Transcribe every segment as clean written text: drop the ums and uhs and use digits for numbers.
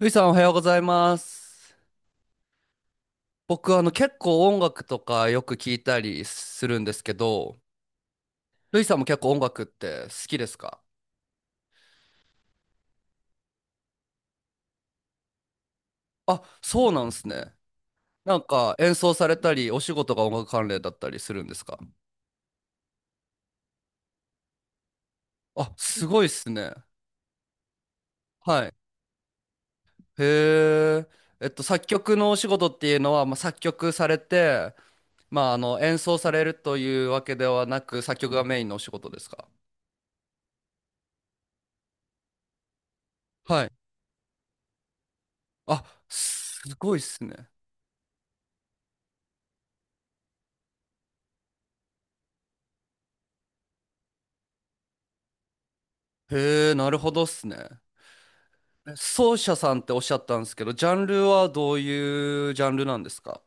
ルイさんおはようございます。僕結構音楽とかよく聞いたりするんですけど、ルイさんも結構音楽って好きですか？あ、そうなんですね。なんか演奏されたりお仕事が音楽関連だったりするんですか？あ、すごいっすね。はい。へえ。作曲のお仕事っていうのは、まあ、作曲されて、まあ演奏されるというわけではなく作曲がメインのお仕事ですか？はい。あ、すごいっすね。へえ、なるほどっすね。奏者さんっておっしゃったんですけど、ジャンルはどういうジャンルなんですか？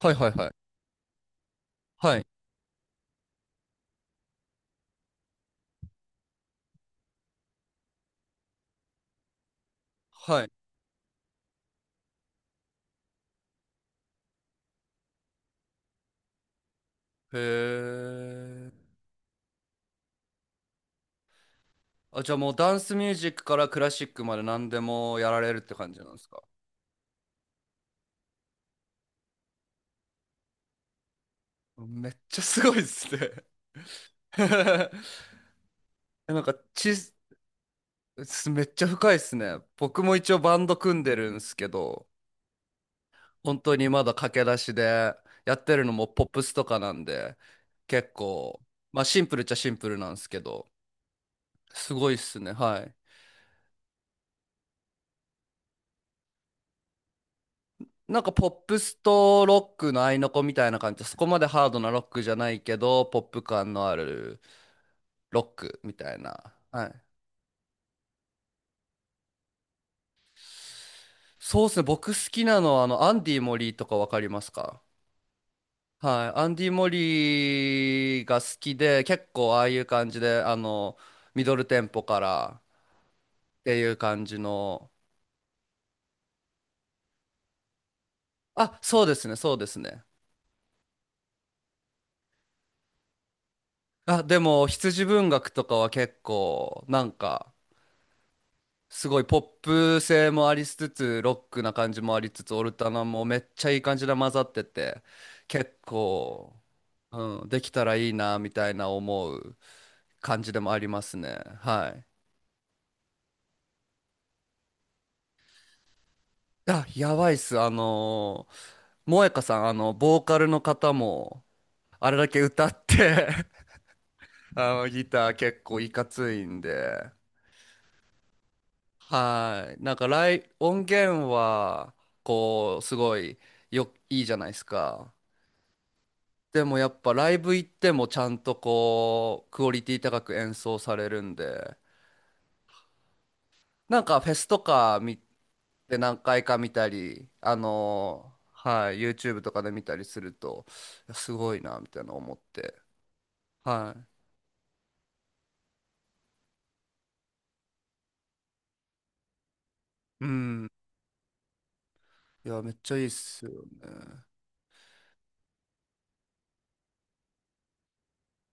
はいはいはい。はい。はい。へえ。あ、じゃあもうダンスミュージックからクラシックまで何でもやられるって感じなんですか？めっちゃすごいっすね。 え、なんかち、めっちゃ深いっすね。僕も一応バンド組んでるんですけど、本当にまだ駆け出しで、やってるのもポップスとかなんで、結構、まあシンプルっちゃシンプルなんですけど、すごいっすね。はい。なんかポップスとロックの合いの子みたいな感じで、そこまでハードなロックじゃないけど、ポップ感のあるロックみたいな。はい。そうっすね。僕好きなのは、アンディ・モリーとかわかりますか？はい。アンディ・モリーが好きで、結構ああいう感じで、ミドルテンポからっていう感じの。あ、そうですね、そうですね。あ、でも、羊文学とかは結構、なんか、すごいポップ性もありつつ、ロックな感じもありつつ、オルタナもめっちゃいい感じで混ざってて、結構、うん、できたらいいな、みたいな思う感じでもありますね。はい。あ、やばいっす。萌歌さん、ボーカルの方も、あれだけ歌って。 ギター結構いかついんで、はい。なんか、音源は、こう、すごい、いいじゃないですか。でもやっぱライブ行ってもちゃんとこうクオリティ高く演奏されるんで。なんかフェスとか見て何回か見たりはい、 YouTube とかで見たりすると、いやすごいなみたいな思って。はい。うん。いや、めっちゃいいっすよね。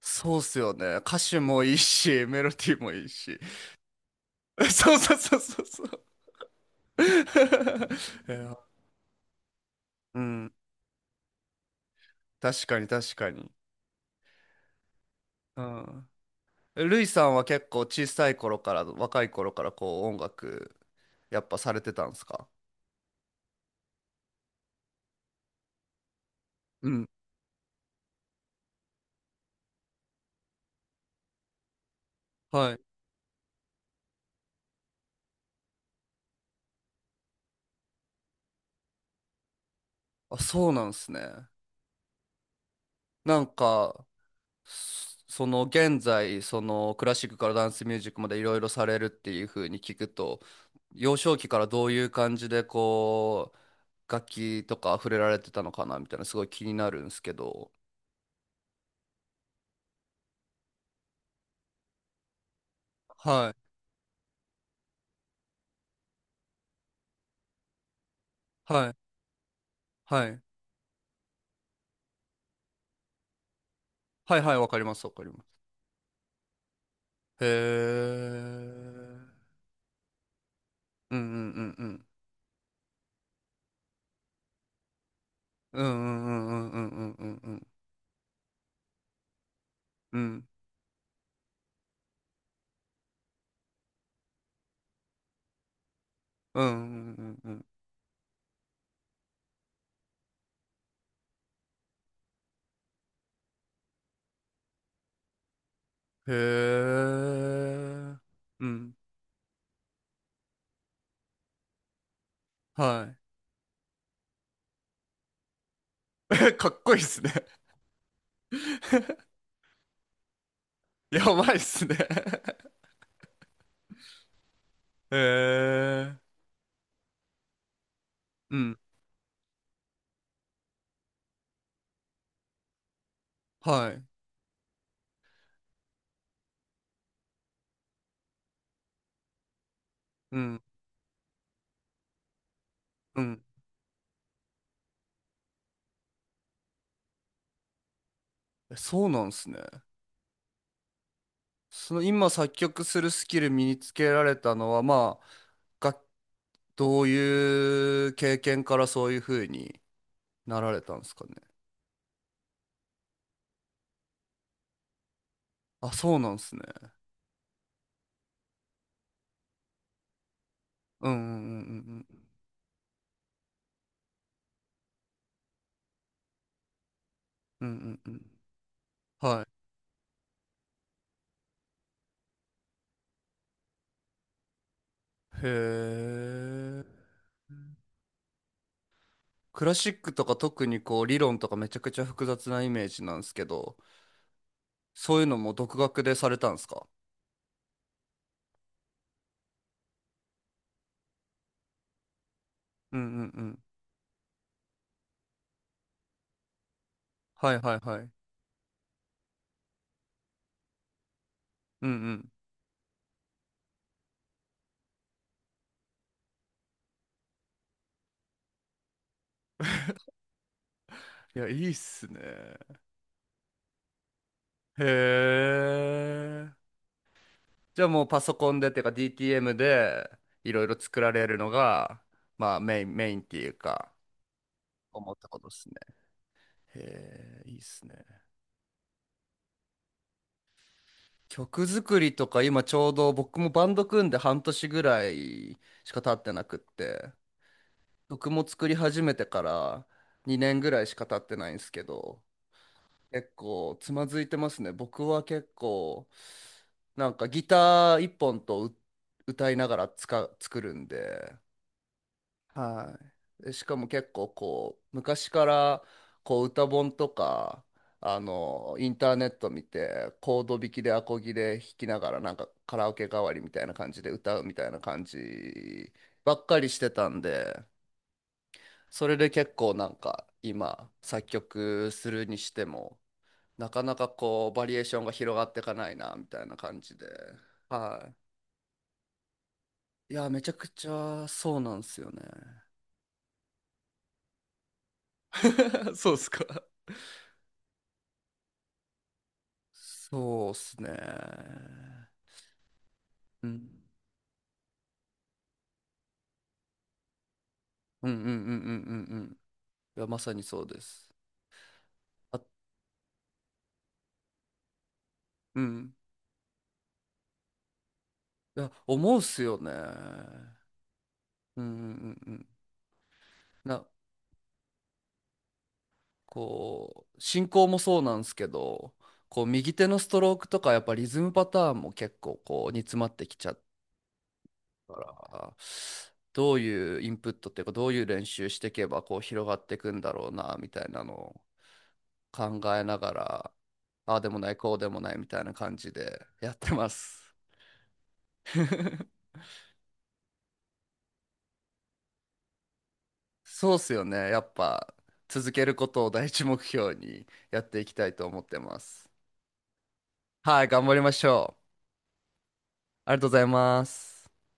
そうっすよね、歌詞もいいしメロディーもいいし。 そうそうそうそうそう。 いや、うん、確かに、確かに。うん。ルイさんは結構小さい頃から、若い頃からこう音楽、やっぱされてたんですか？うん。はい。あ、そうなんですね。なんか、その現在、そのクラシックからダンスミュージックまでいろいろされるっていう風に聞くと、幼少期からどういう感じでこう、楽器とか触れられてたのかなみたいな、すごい気になるんですけど。はい。はい。はい。はいはい、わかります、わかります。へえ。うん、うん、うん、うん、うん、うん、うん、うん、うん、うん、うん、うん、うん、うん、うん、うん。へえ。うん。はい。 かっこいいっすね。 やばいっすね。 へえ。うん。はい。うん、うん。え、そうなんすね。その今作曲するスキル身につけられたのはまあがどういう経験からそういう風になられたんですかね？あ、そうなんですね。うん、うん、うん、うん、うん、うん、うん、うん。はい。へえ。クラシックとか特にこう理論とかめちゃくちゃ複雑なイメージなんですけど、そういうのも独学でされたんですか？うん、うん、うん。はいはいはい。うん、うん。いや、いいっすね。へえ。じゃあもうパソコンでっていうか DTM でいろいろ作られるのが、まあメイン、メインっていうか、思ったことですね。へえ、いいっすね。曲作りとか今ちょうど僕もバンド組んで半年ぐらいしか経ってなくって、曲も作り始めてから2年ぐらいしか経ってないんですけど、結構つまずいてますね、僕は。結構なんかギター1本歌いながら作るんで。はい。でしかも結構こう、昔からこう歌本とか、インターネット見て、コード弾きでアコギで弾きながら、なんかカラオケ代わりみたいな感じで歌うみたいな感じばっかりしてたんで、それで結構なんか今、作曲するにしても、なかなかこう、バリエーションが広がっていかないな、みたいな感じで。はい。いや、めちゃくちゃそうなんですよね。そうっすか。そうっすね。うん。うん、うん、うん、うん、うん、うん。いや、まさにそうです。あ、うん。いや、思うっすよね。うん、うん、うん、うん。な、こう、進行もそうなんですけど、こう、右手のストロークとか、やっぱリズムパターンも結構、こう、煮詰まってきちゃった。どういうインプットっていうか、どういう練習していけば、こう、広がっていくんだろうな、みたいなのを考えながら、ああでもない、こうでもないみたいな感じでやってます。そうっすよね。やっぱ続けることを第一目標にやっていきたいと思ってます。はい、頑張りましょう。ありがとうございます。